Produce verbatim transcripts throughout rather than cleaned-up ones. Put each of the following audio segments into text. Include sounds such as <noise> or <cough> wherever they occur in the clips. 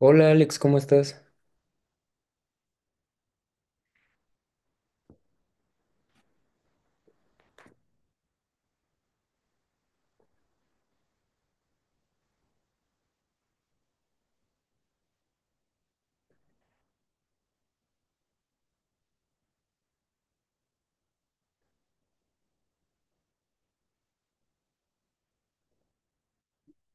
Hola Alex, ¿cómo estás?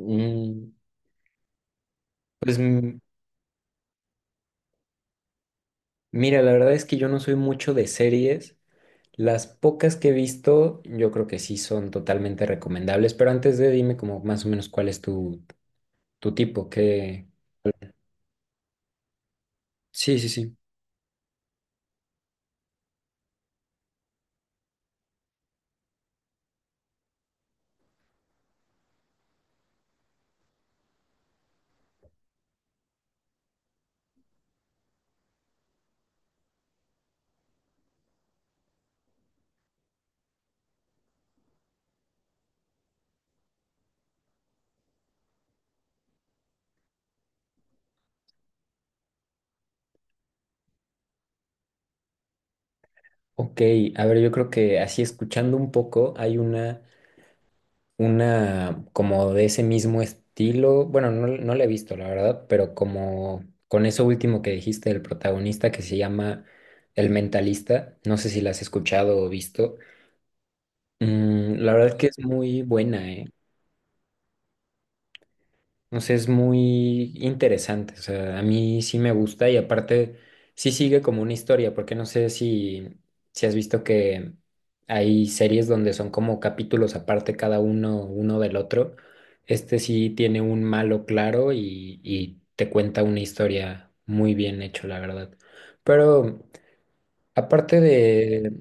Mm. Pues mm, mira, la verdad es que yo no soy mucho de series. Las pocas que he visto, yo creo que sí son totalmente recomendables, pero antes de dime como más o menos cuál es tu, tu tipo, que... Sí, sí, sí. Ok, a ver, yo creo que así escuchando un poco, hay una una como de ese mismo estilo. Bueno, no, no la he visto, la verdad, pero como con eso último que dijiste del protagonista que se llama El Mentalista, no sé si la has escuchado o visto. Mm, la verdad es que es muy buena, ¿eh? O sea, es muy interesante. O sea, a mí sí me gusta y aparte sí sigue como una historia, porque no sé si, si has visto que hay series donde son como capítulos aparte cada uno, uno del otro. Este sí tiene un malo claro y, y te cuenta una historia muy bien hecho, la verdad. Pero aparte de,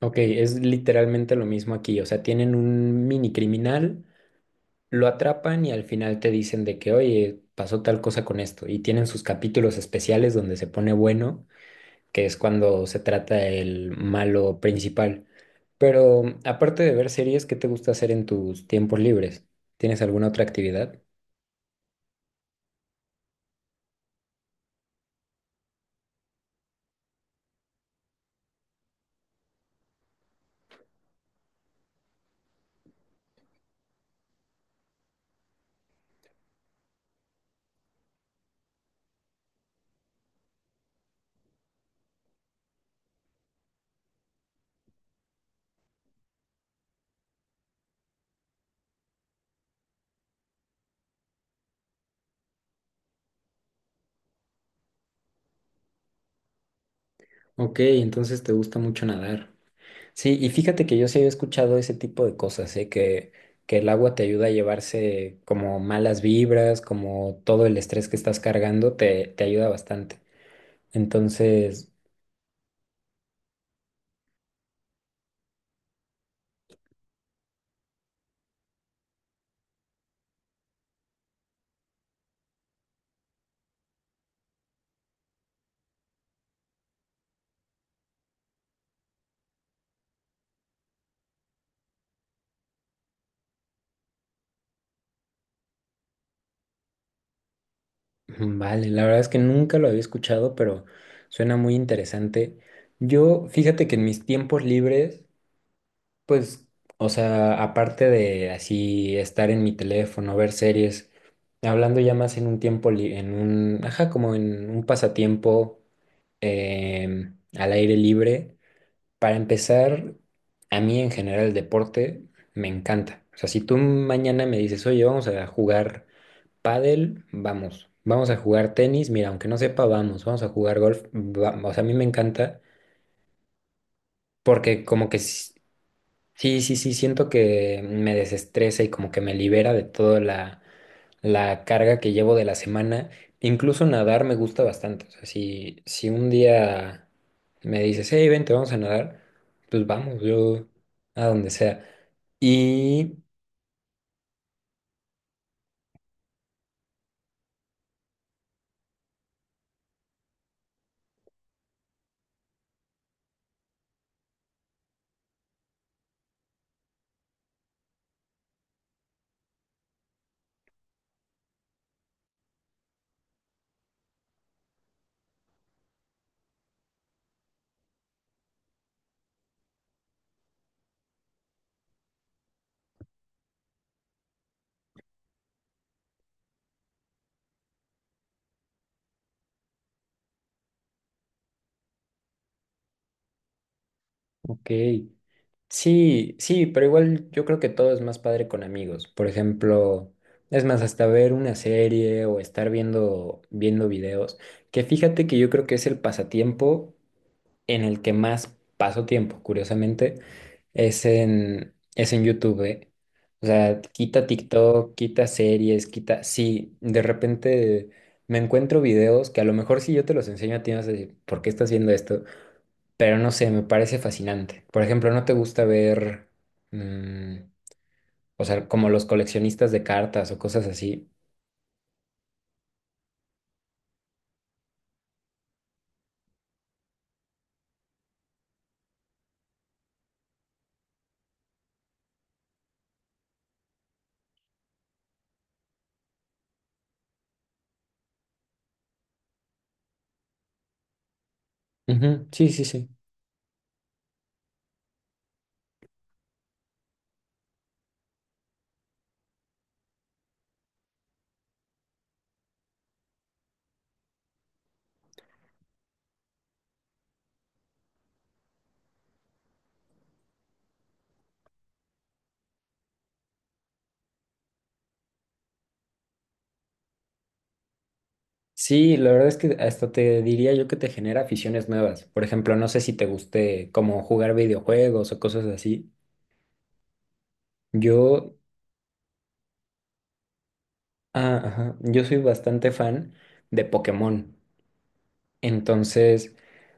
ok, es literalmente lo mismo aquí. O sea, tienen un mini criminal. Lo atrapan y al final te dicen de que, oye, pasó tal cosa con esto. Y tienen sus capítulos especiales donde se pone bueno, que es cuando se trata el malo principal. Pero aparte de ver series, ¿qué te gusta hacer en tus tiempos libres? ¿Tienes alguna otra actividad? Ok, entonces te gusta mucho nadar. Sí, y fíjate que yo sí había escuchado ese tipo de cosas, ¿eh? Que, que el agua te ayuda a llevarse como malas vibras, como todo el estrés que estás cargando, te, te ayuda bastante. Entonces, mm, vale, la verdad es que nunca lo había escuchado, pero suena muy interesante. Yo, fíjate que en mis tiempos libres, pues, o sea, aparte de así estar en mi teléfono, ver series, hablando ya más en un tiempo, li- en un, ajá, como en un pasatiempo em, al aire libre, para empezar, a mí en general el deporte me encanta. O sea, si tú mañana me dices, oye, vamos a jugar. Pádel, vamos, vamos a jugar tenis, mira, aunque no sepa, vamos, vamos a jugar golf, vamos, o sea, a mí me encanta porque como que sí, sí, sí, sí, siento que me desestresa y como que me libera de toda la, la carga que llevo de la semana. Incluso nadar me gusta bastante, o sea, si, si un día me dices, hey, vente, vamos a nadar, pues vamos, yo a donde sea. Y, ok. Sí, sí, pero igual yo creo que todo es más padre con amigos. Por ejemplo, es más, hasta ver una serie o estar viendo, viendo videos, que fíjate que yo creo que es el pasatiempo en el que más paso tiempo, curiosamente, es en, es en YouTube, ¿eh? O sea, quita TikTok, quita series, quita... Sí, de repente me encuentro videos que a lo mejor si yo te los enseño a ti vas a decir, ¿por qué estás viendo esto? Pero no sé, me parece fascinante. Por ejemplo, ¿no te gusta ver, mm, o sea, como los coleccionistas de cartas o cosas así? Ujú. Sí, sí, sí. Sí, la verdad es que hasta te diría yo que te genera aficiones nuevas. Por ejemplo, no sé si te guste como jugar videojuegos o cosas así. Yo, ah, ajá, yo soy bastante fan de Pokémon. Entonces,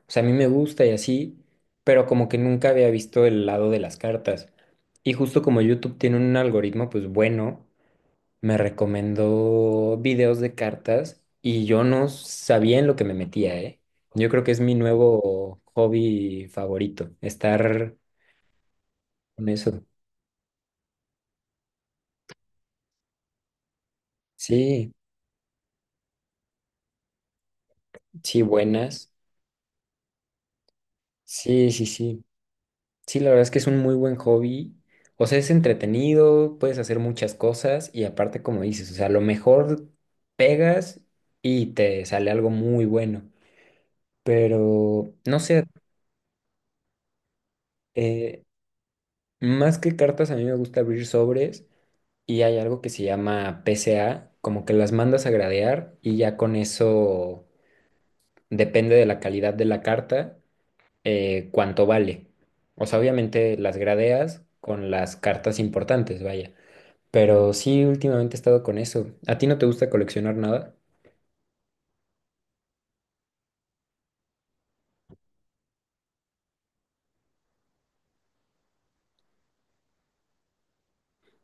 o sea, a mí me gusta y así, pero como que nunca había visto el lado de las cartas. Y justo como YouTube tiene un algoritmo, pues bueno, me recomendó videos de cartas y yo no sabía en lo que me metía, ¿eh? Yo creo que es mi nuevo hobby favorito, estar con eso. Sí, sí, buenas. Sí, sí, sí. Sí, la verdad es que es un muy buen hobby. O sea, es entretenido, puedes hacer muchas cosas y aparte, como dices, o sea, a lo mejor pegas y te sale algo muy bueno. Pero, no sé, eh, más que cartas, a mí me gusta abrir sobres y hay algo que se llama P C A, como que las mandas a gradear y ya con eso depende de la calidad de la carta, eh, cuánto vale. O sea, obviamente las gradeas con las cartas importantes, vaya. Pero sí, últimamente he estado con eso. ¿A ti no te gusta coleccionar nada?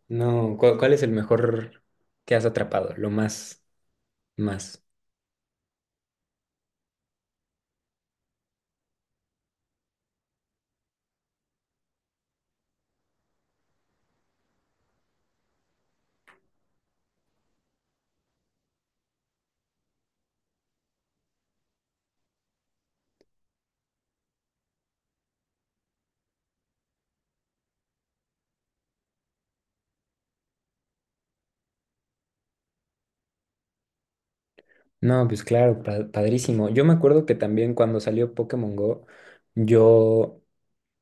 No, ¿cu- ¿cuál es el mejor que has atrapado? Lo más, más. No, pues claro, pa- padrísimo. Yo me acuerdo que también cuando salió Pokémon Go, yo,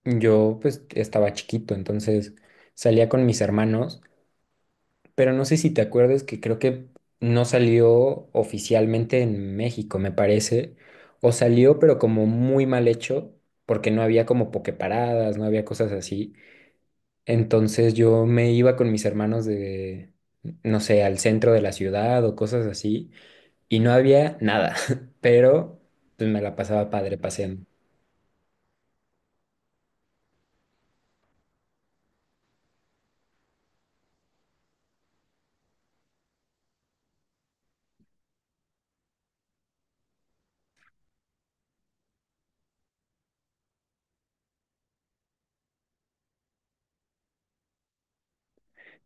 yo pues estaba chiquito, entonces salía con mis hermanos, pero no sé si te acuerdas que creo que no salió oficialmente en México, me parece, o salió pero como muy mal hecho, porque no había como pokeparadas, no había cosas así. Entonces yo me iba con mis hermanos de, no sé, al centro de la ciudad o cosas así, y no había nada, <laughs> pero pues me la pasaba padre paseando.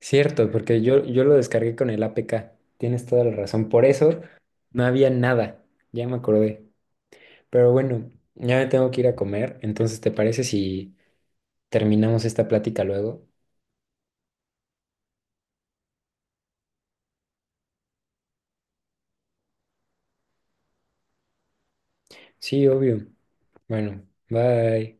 Cierto, porque yo, yo lo descargué con el A P K, tienes toda la razón, por eso no había nada, ya me acordé. Pero bueno, ya me tengo que ir a comer, entonces ¿te parece si terminamos esta plática luego? Sí, obvio. Bueno, bye.